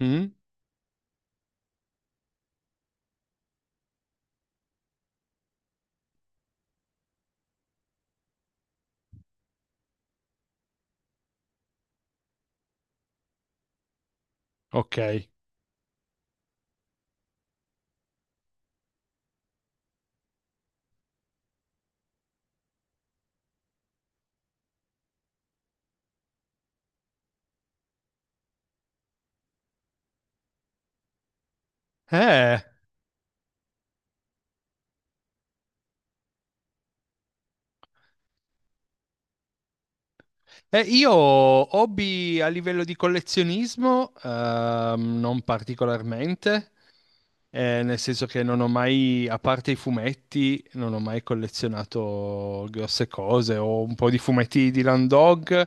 Mm, ok. Eh, io hobby a livello di collezionismo, non particolarmente. Nel senso che non ho mai, a parte i fumetti, non ho mai collezionato grosse cose. Ho un po' di fumetti di Land Dog,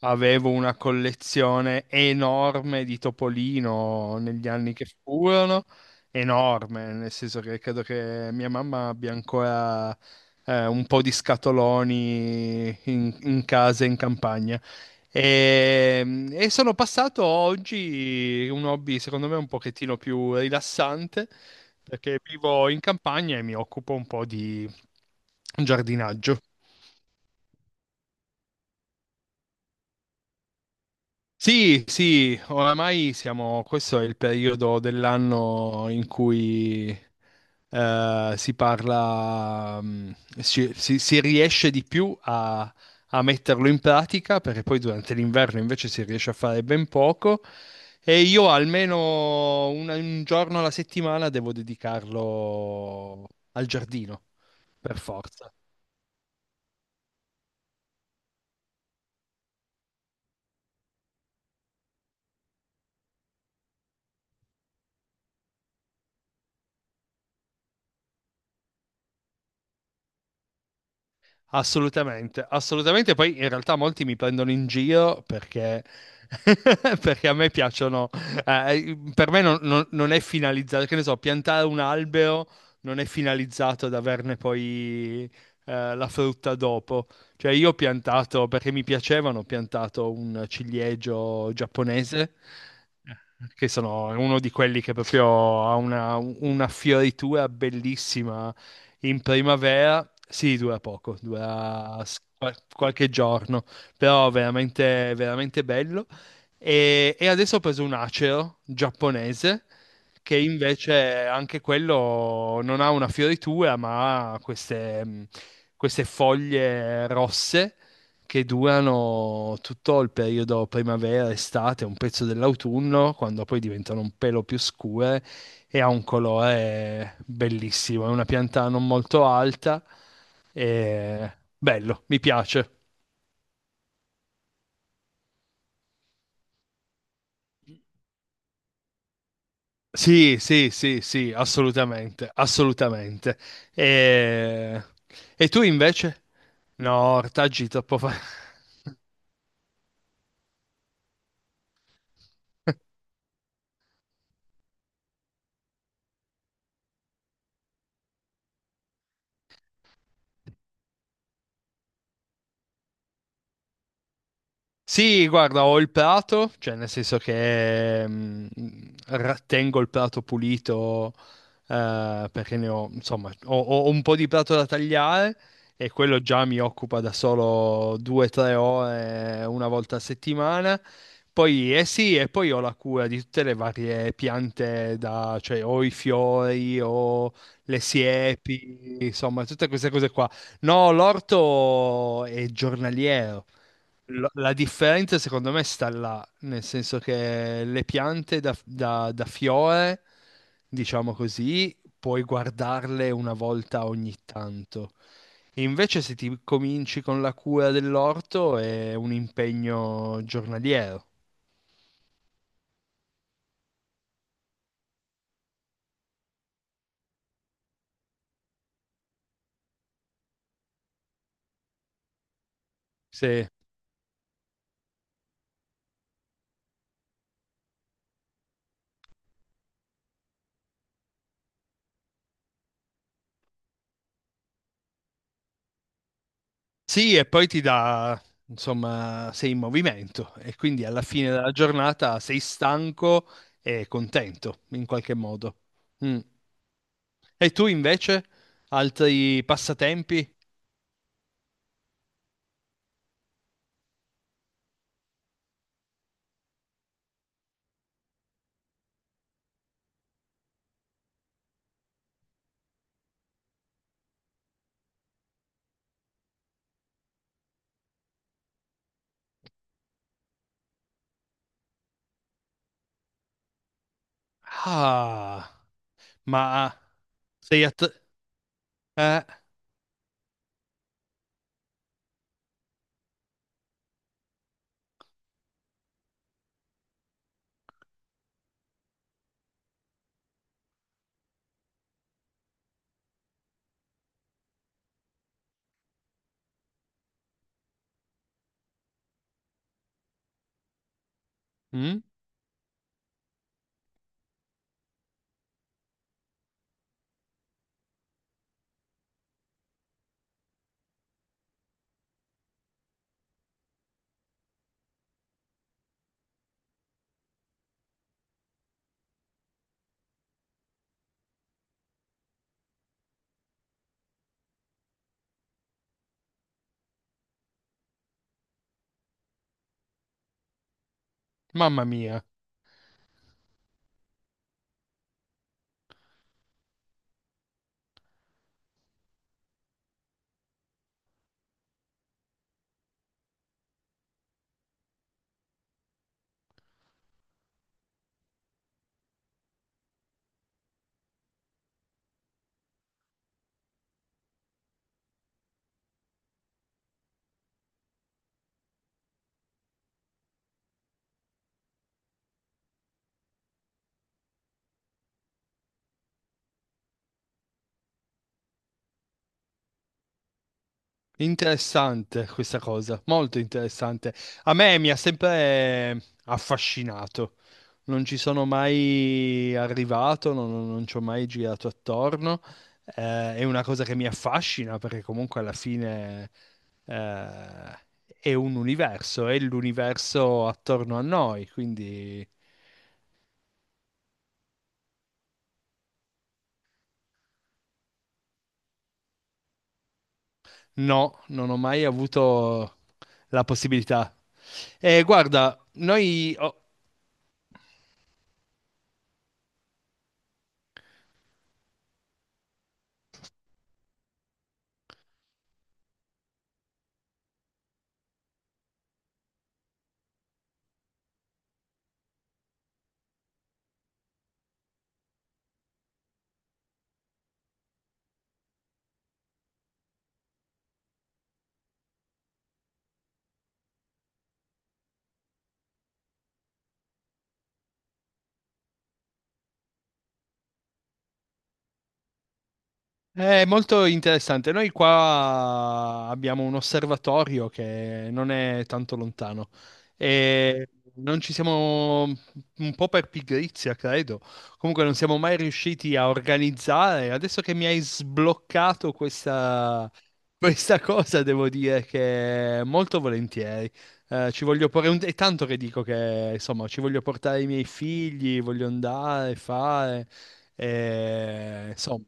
avevo una collezione enorme di Topolino negli anni che furono, enorme, nel senso che credo che mia mamma abbia ancora un po' di scatoloni in casa in campagna. E, e sono passato oggi un hobby, secondo me, un pochettino più rilassante, perché vivo in campagna e mi occupo un po' di giardinaggio. Sì, sì, oramai siamo, questo è il periodo dell'anno in cui si parla, si riesce di più a metterlo in pratica, perché poi durante l'inverno invece si riesce a fare ben poco e io almeno un giorno alla settimana devo dedicarlo al giardino, per forza. Assolutamente, assolutamente. Poi in realtà molti mi prendono in giro perché, perché a me piacciono. Per me non è finalizzato, che ne so, piantare un albero non è finalizzato ad averne poi la frutta dopo. Cioè io ho piantato, perché mi piacevano, ho piantato un ciliegio giapponese, che sono uno di quelli che proprio ha una fioritura bellissima in primavera, sì, dura poco, dura qualche giorno, però veramente, veramente bello. E adesso ho preso un acero giapponese, che invece anche quello non ha una fioritura, ma ha queste foglie rosse che durano tutto il periodo primavera, estate, un pezzo dell'autunno, quando poi diventano un pelo più scure e ha un colore bellissimo. È una pianta non molto alta e bello, mi piace. Sì, sì, sì, sì, assolutamente, assolutamente. E, e tu invece? No, ortaggi troppo fa... Sì, guarda, ho il prato, cioè nel senso che tengo il prato pulito perché ne ho, insomma, ho un po' di prato da tagliare e quello già mi occupa da solo 2 o 3 ore una volta a settimana. Poi, eh sì, e poi ho la cura di tutte le varie piante, cioè ho i fiori, ho le siepi, insomma, tutte queste cose qua. No, l'orto è giornaliero. La differenza secondo me sta là, nel senso che le piante da, da fiore, diciamo così, puoi guardarle una volta ogni tanto. Invece se ti cominci con la cura dell'orto è un impegno giornaliero. Sì. Sì, e poi ti dà, insomma, sei in movimento e quindi alla fine della giornata sei stanco e contento in qualche modo. Mm. E tu invece? Altri passatempi? Ah, ma sei a... eh? Mm? Mamma mia. Interessante questa cosa, molto interessante. A me mi ha sempre affascinato. Non ci sono mai arrivato, non ci ho mai girato attorno. È una cosa che mi affascina perché comunque alla fine eh, è un universo, è l'universo attorno a noi. Quindi no, non ho mai avuto la possibilità. Guarda, è molto interessante. Noi qua abbiamo un osservatorio che non è tanto lontano e non ci siamo, un po' per pigrizia, credo. Comunque non siamo mai riusciti a organizzare. Adesso che mi hai sbloccato questa cosa, devo dire che molto volentieri. Ci voglio porre un... È tanto che dico che, insomma, ci voglio portare i miei figli, voglio andare, fare, e, insomma.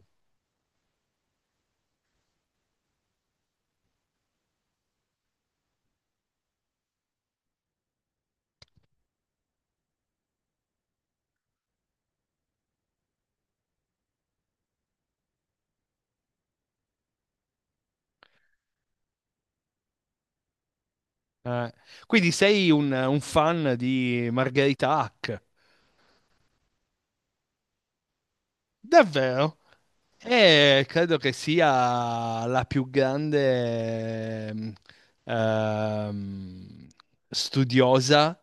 Eh, quindi sei un fan di Margherita Hack? Davvero? E credo che sia la più grande ehm, studiosa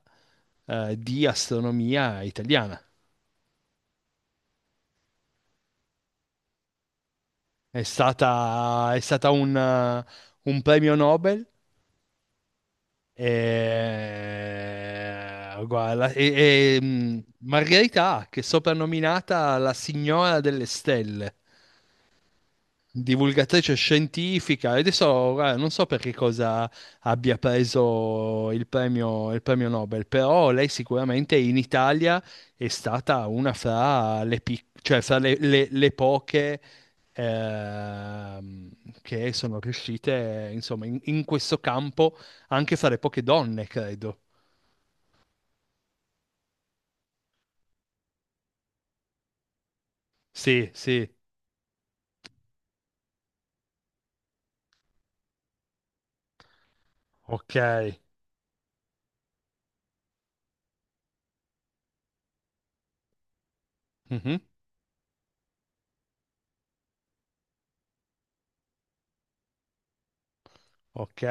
di astronomia italiana. È stata un premio Nobel. Guarda, Margherita Hack è soprannominata la signora delle stelle divulgatrice scientifica. E adesso guarda, non so per che cosa abbia preso il premio, Nobel, però lei sicuramente in Italia è stata una fra cioè fra le poche ehm, che sono riuscite, insomma, in questo campo, anche fra le poche donne, credo. Sì, sì, ok. Mhm, ok,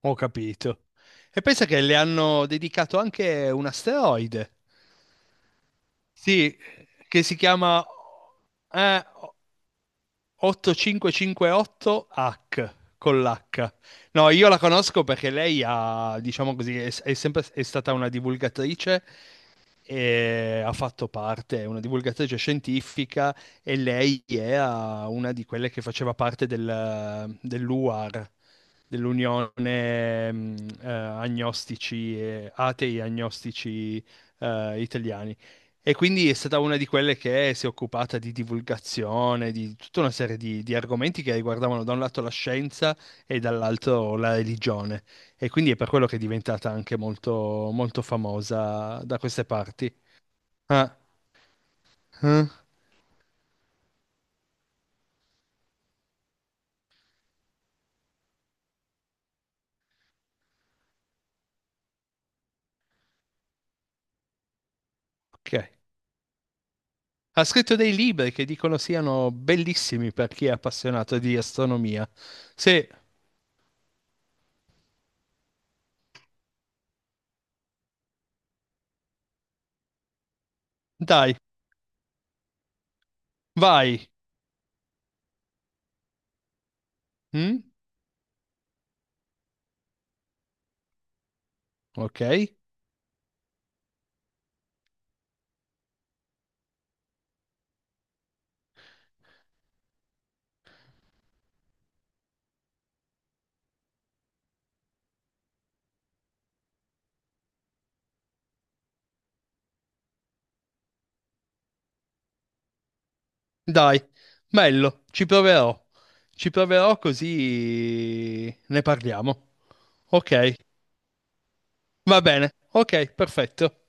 ho capito. E pensa che le hanno dedicato anche un asteroide. Sì, che si chiama eh, 8558H con l'H. No, io la conosco perché lei ha, diciamo così, è sempre è stata una divulgatrice e ha fatto parte, è una divulgatrice scientifica e lei era una di quelle che faceva parte dell'UAR, dell'Unione Agnostici, Atei Agnostici Italiani. E quindi è stata una di quelle che si è occupata di divulgazione, di tutta una serie di argomenti che riguardavano da un lato la scienza e dall'altro la religione. E quindi è per quello che è diventata anche molto, molto famosa da queste parti. Ah, eh, ok. Ha scritto dei libri che dicono siano bellissimi per chi è appassionato di astronomia. Sì, dai, vai. Mm? Ok, dai, bello, ci proverò. Ci proverò così ne parliamo. Ok, va bene. Ok, perfetto.